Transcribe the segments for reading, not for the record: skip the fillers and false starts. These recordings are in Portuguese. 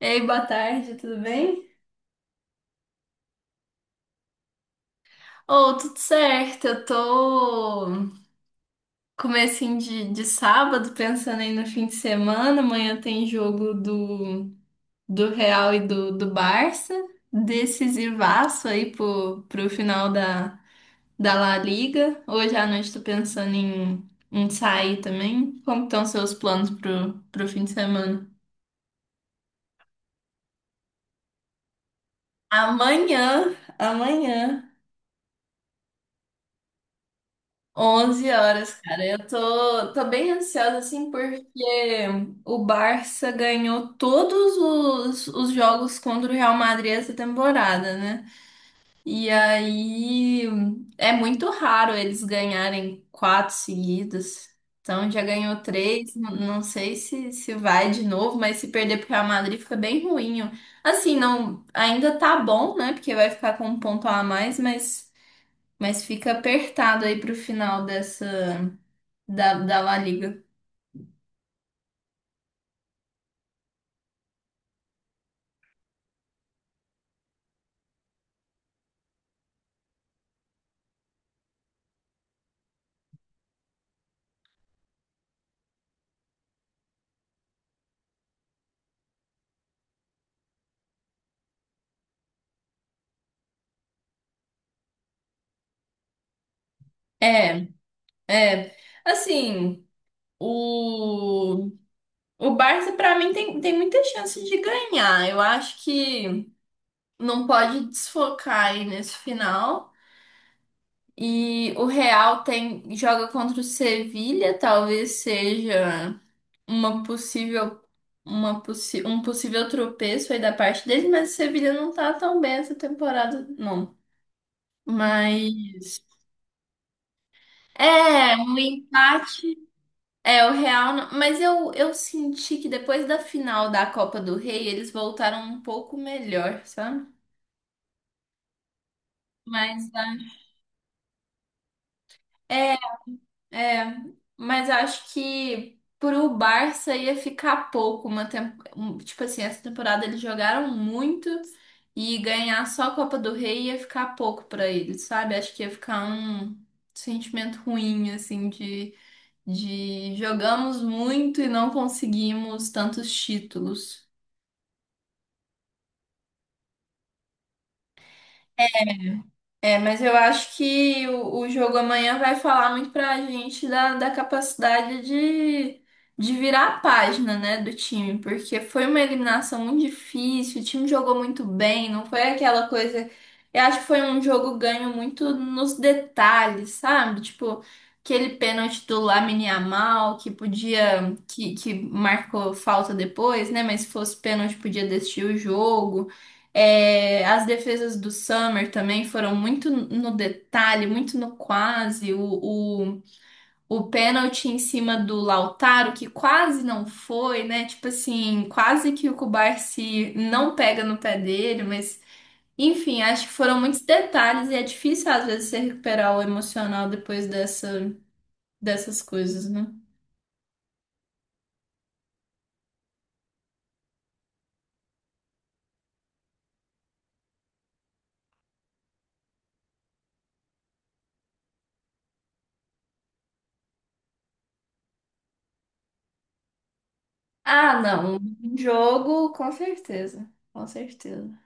Ei, boa tarde, tudo bem? Oh, tudo certo, eu tô comecinho de sábado, pensando aí no fim de semana, amanhã tem jogo do Real e do Barça, decisivaço aí pro final da La Liga. Hoje à noite tô pensando em sair também. Como estão seus planos pro fim de semana? Amanhã, amanhã. 11 horas, cara. Eu tô bem ansiosa, assim, porque o Barça ganhou todos os jogos contra o Real Madrid essa temporada, né? E aí é muito raro eles ganharem quatro seguidas. Então já ganhou três. Não sei se, se vai de novo, mas se perder pro Real Madrid fica bem ruim. Assim, não, ainda tá bom, né? Porque vai ficar com um ponto a mais, mas fica apertado aí pro final dessa. Da La Liga. É, é. Assim, o, o Barça, pra mim, tem muita chance de ganhar. Eu acho que não pode desfocar aí nesse final. E o Real tem, joga contra o Sevilha, talvez seja uma possível, uma possi um possível tropeço aí da parte deles, mas o Sevilha não tá tão bem essa temporada, não. Mas. É, um empate. É, o Real, mas eu senti que depois da final da Copa do Rei, eles voltaram um pouco melhor, sabe? Mas ah, é, é, mas acho que pro Barça ia ficar pouco tipo assim, essa temporada eles jogaram muito e ganhar só a Copa do Rei ia ficar pouco pra eles, sabe? Acho que ia ficar um sentimento ruim assim de jogamos muito e não conseguimos tantos títulos. É, mas eu acho que o jogo amanhã vai falar muito pra gente da capacidade de virar a página, né, do time, porque foi uma eliminação muito difícil, o time jogou muito bem, não foi aquela coisa. Eu acho que foi um jogo ganho muito nos detalhes, sabe? Tipo, aquele pênalti do Lamine Yamal que podia, que marcou falta depois, né? Mas se fosse pênalti, podia decidir o jogo. É, as defesas do Summer também foram muito no detalhe, muito no quase. O pênalti em cima do Lautaro, que quase não foi, né? Tipo assim, quase que o Kubarsi não pega no pé dele, mas enfim, acho que foram muitos detalhes e é difícil às vezes você recuperar o emocional depois dessas coisas, né? Ah, não, um jogo, com certeza, com certeza.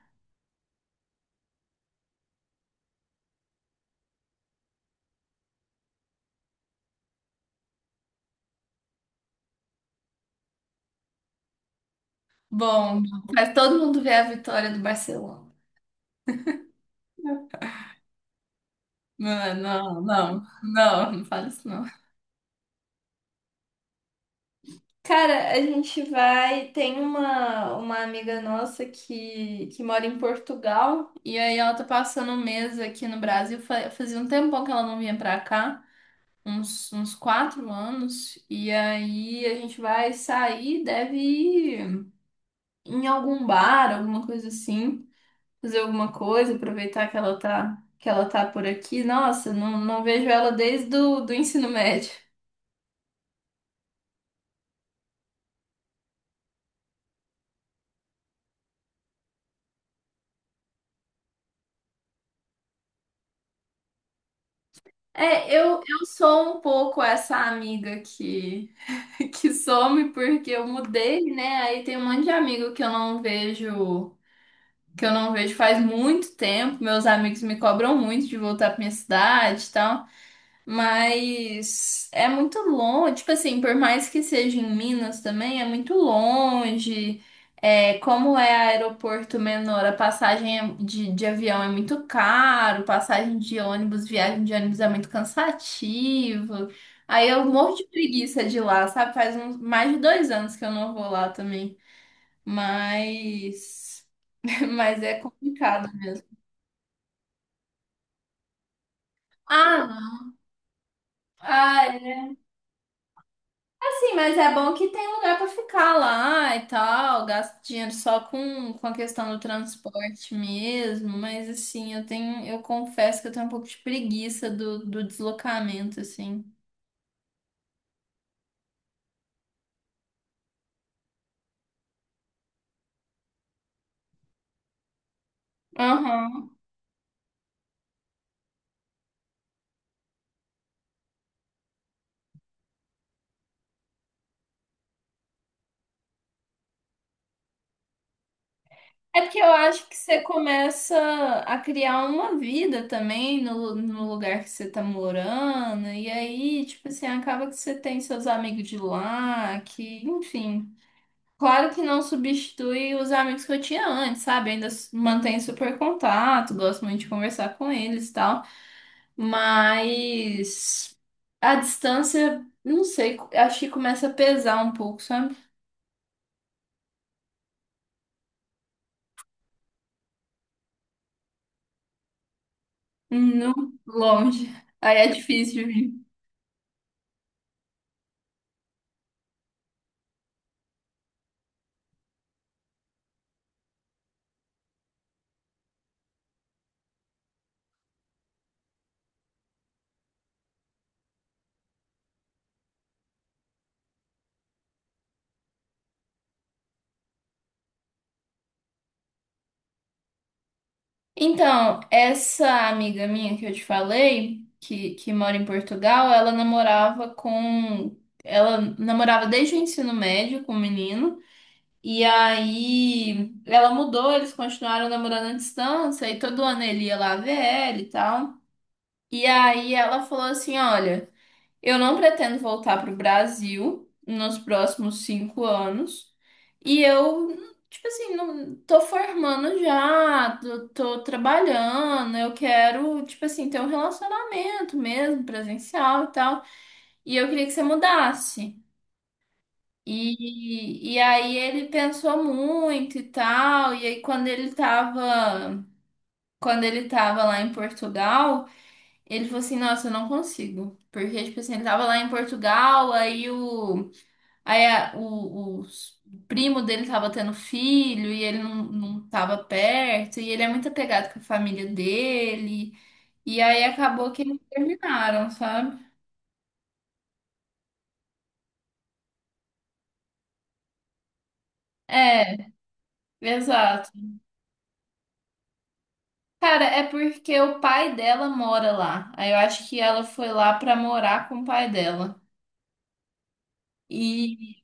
Bom, faz todo mundo ver a vitória do Barcelona. Não, não, não, não, não fala isso não. Cara, a gente vai. Tem uma amiga nossa que mora em Portugal, e aí ela tá passando um mês aqui no Brasil. Fazia um tempão que ela não vinha pra cá, uns 4 anos, e aí a gente vai sair, deve ir em algum bar, alguma coisa assim, fazer alguma coisa, aproveitar que ela tá por aqui. Nossa, não, não vejo ela desde o do ensino médio. É, eu sou um pouco essa amiga que, que some porque eu mudei, né? Aí tem um monte de amigo que eu não vejo, que eu não vejo faz muito tempo. Meus amigos me cobram muito de voltar pra minha cidade, e mas é muito longe, tipo assim, por mais que seja em Minas também, é muito longe. É, como é aeroporto menor, a passagem de avião é muito caro, passagem de ônibus, viagem de ônibus é muito cansativo. Aí eu morro de preguiça de ir lá, sabe? Faz mais de 2 anos que eu não vou lá também. Mas, mas é complicado mesmo. Ah, não. Ah, assim, mas é bom que tem lugar pra ficar lá e tal, gasto dinheiro só com a questão do transporte mesmo, mas assim, eu confesso que eu tenho um pouco de preguiça do deslocamento, assim. Aham. É porque eu acho que você começa a criar uma vida também no lugar que você tá morando, e aí, tipo assim, acaba que você tem seus amigos de lá, que, enfim. Claro que não substitui os amigos que eu tinha antes, sabe? Ainda mantenho super contato, gosto muito de conversar com eles e tal. Mas a distância, não sei, acho que começa a pesar um pouco, sabe? No longe. Aí é difícil de vir. Então, essa amiga minha que eu te falei, que mora em Portugal, ela namorava com. Ela namorava desde o ensino médio com um menino. E aí ela mudou, eles continuaram namorando à distância, e todo ano ele ia lá ver ela e tal. E aí ela falou assim: Olha, eu não pretendo voltar pro Brasil nos próximos 5 anos. E eu, tipo assim, não tô formando já, tô trabalhando, eu quero, tipo assim, ter um relacionamento mesmo, presencial e tal. E eu queria que você mudasse. E aí ele pensou muito e tal, e aí quando ele tava lá em Portugal, ele falou assim, nossa, eu não consigo. Porque, tipo assim, ele tava lá em Portugal, aí o, aí a- o, os- o primo dele tava tendo filho, e ele não tava perto, e ele é muito apegado com a família dele, e aí acabou que eles terminaram, sabe? É, exato. Cara, é porque o pai dela mora lá. Aí eu acho que ela foi lá pra morar com o pai dela. E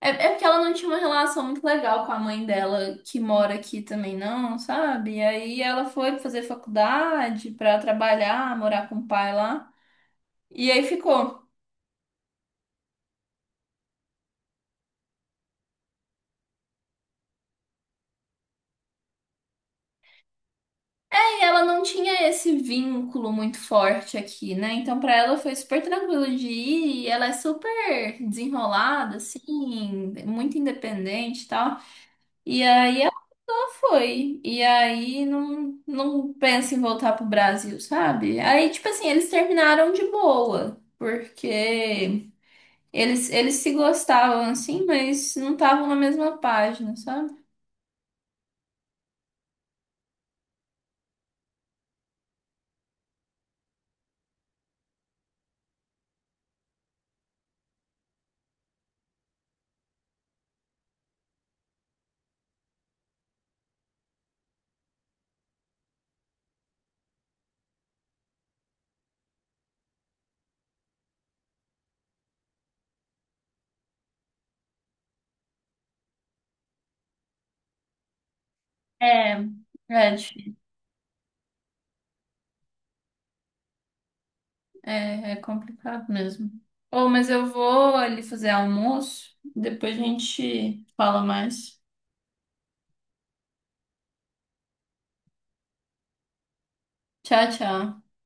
é porque ela não tinha uma relação muito legal com a mãe dela, que mora aqui também, não, sabe? E aí ela foi fazer faculdade pra trabalhar, morar com o pai lá. E aí ficou. Aí ela não tinha esse vínculo muito forte aqui, né? Então pra ela foi super tranquilo de ir. E ela é super desenrolada, assim, muito independente e tal. E aí foi. E aí não pensa em voltar pro Brasil, sabe? Aí, tipo assim, eles terminaram de boa, porque eles se gostavam assim, mas não estavam na mesma página, sabe? É, é difícil. É, é complicado mesmo. Ô, mas eu vou ali fazer almoço, depois a gente fala mais. Tchau, tchau.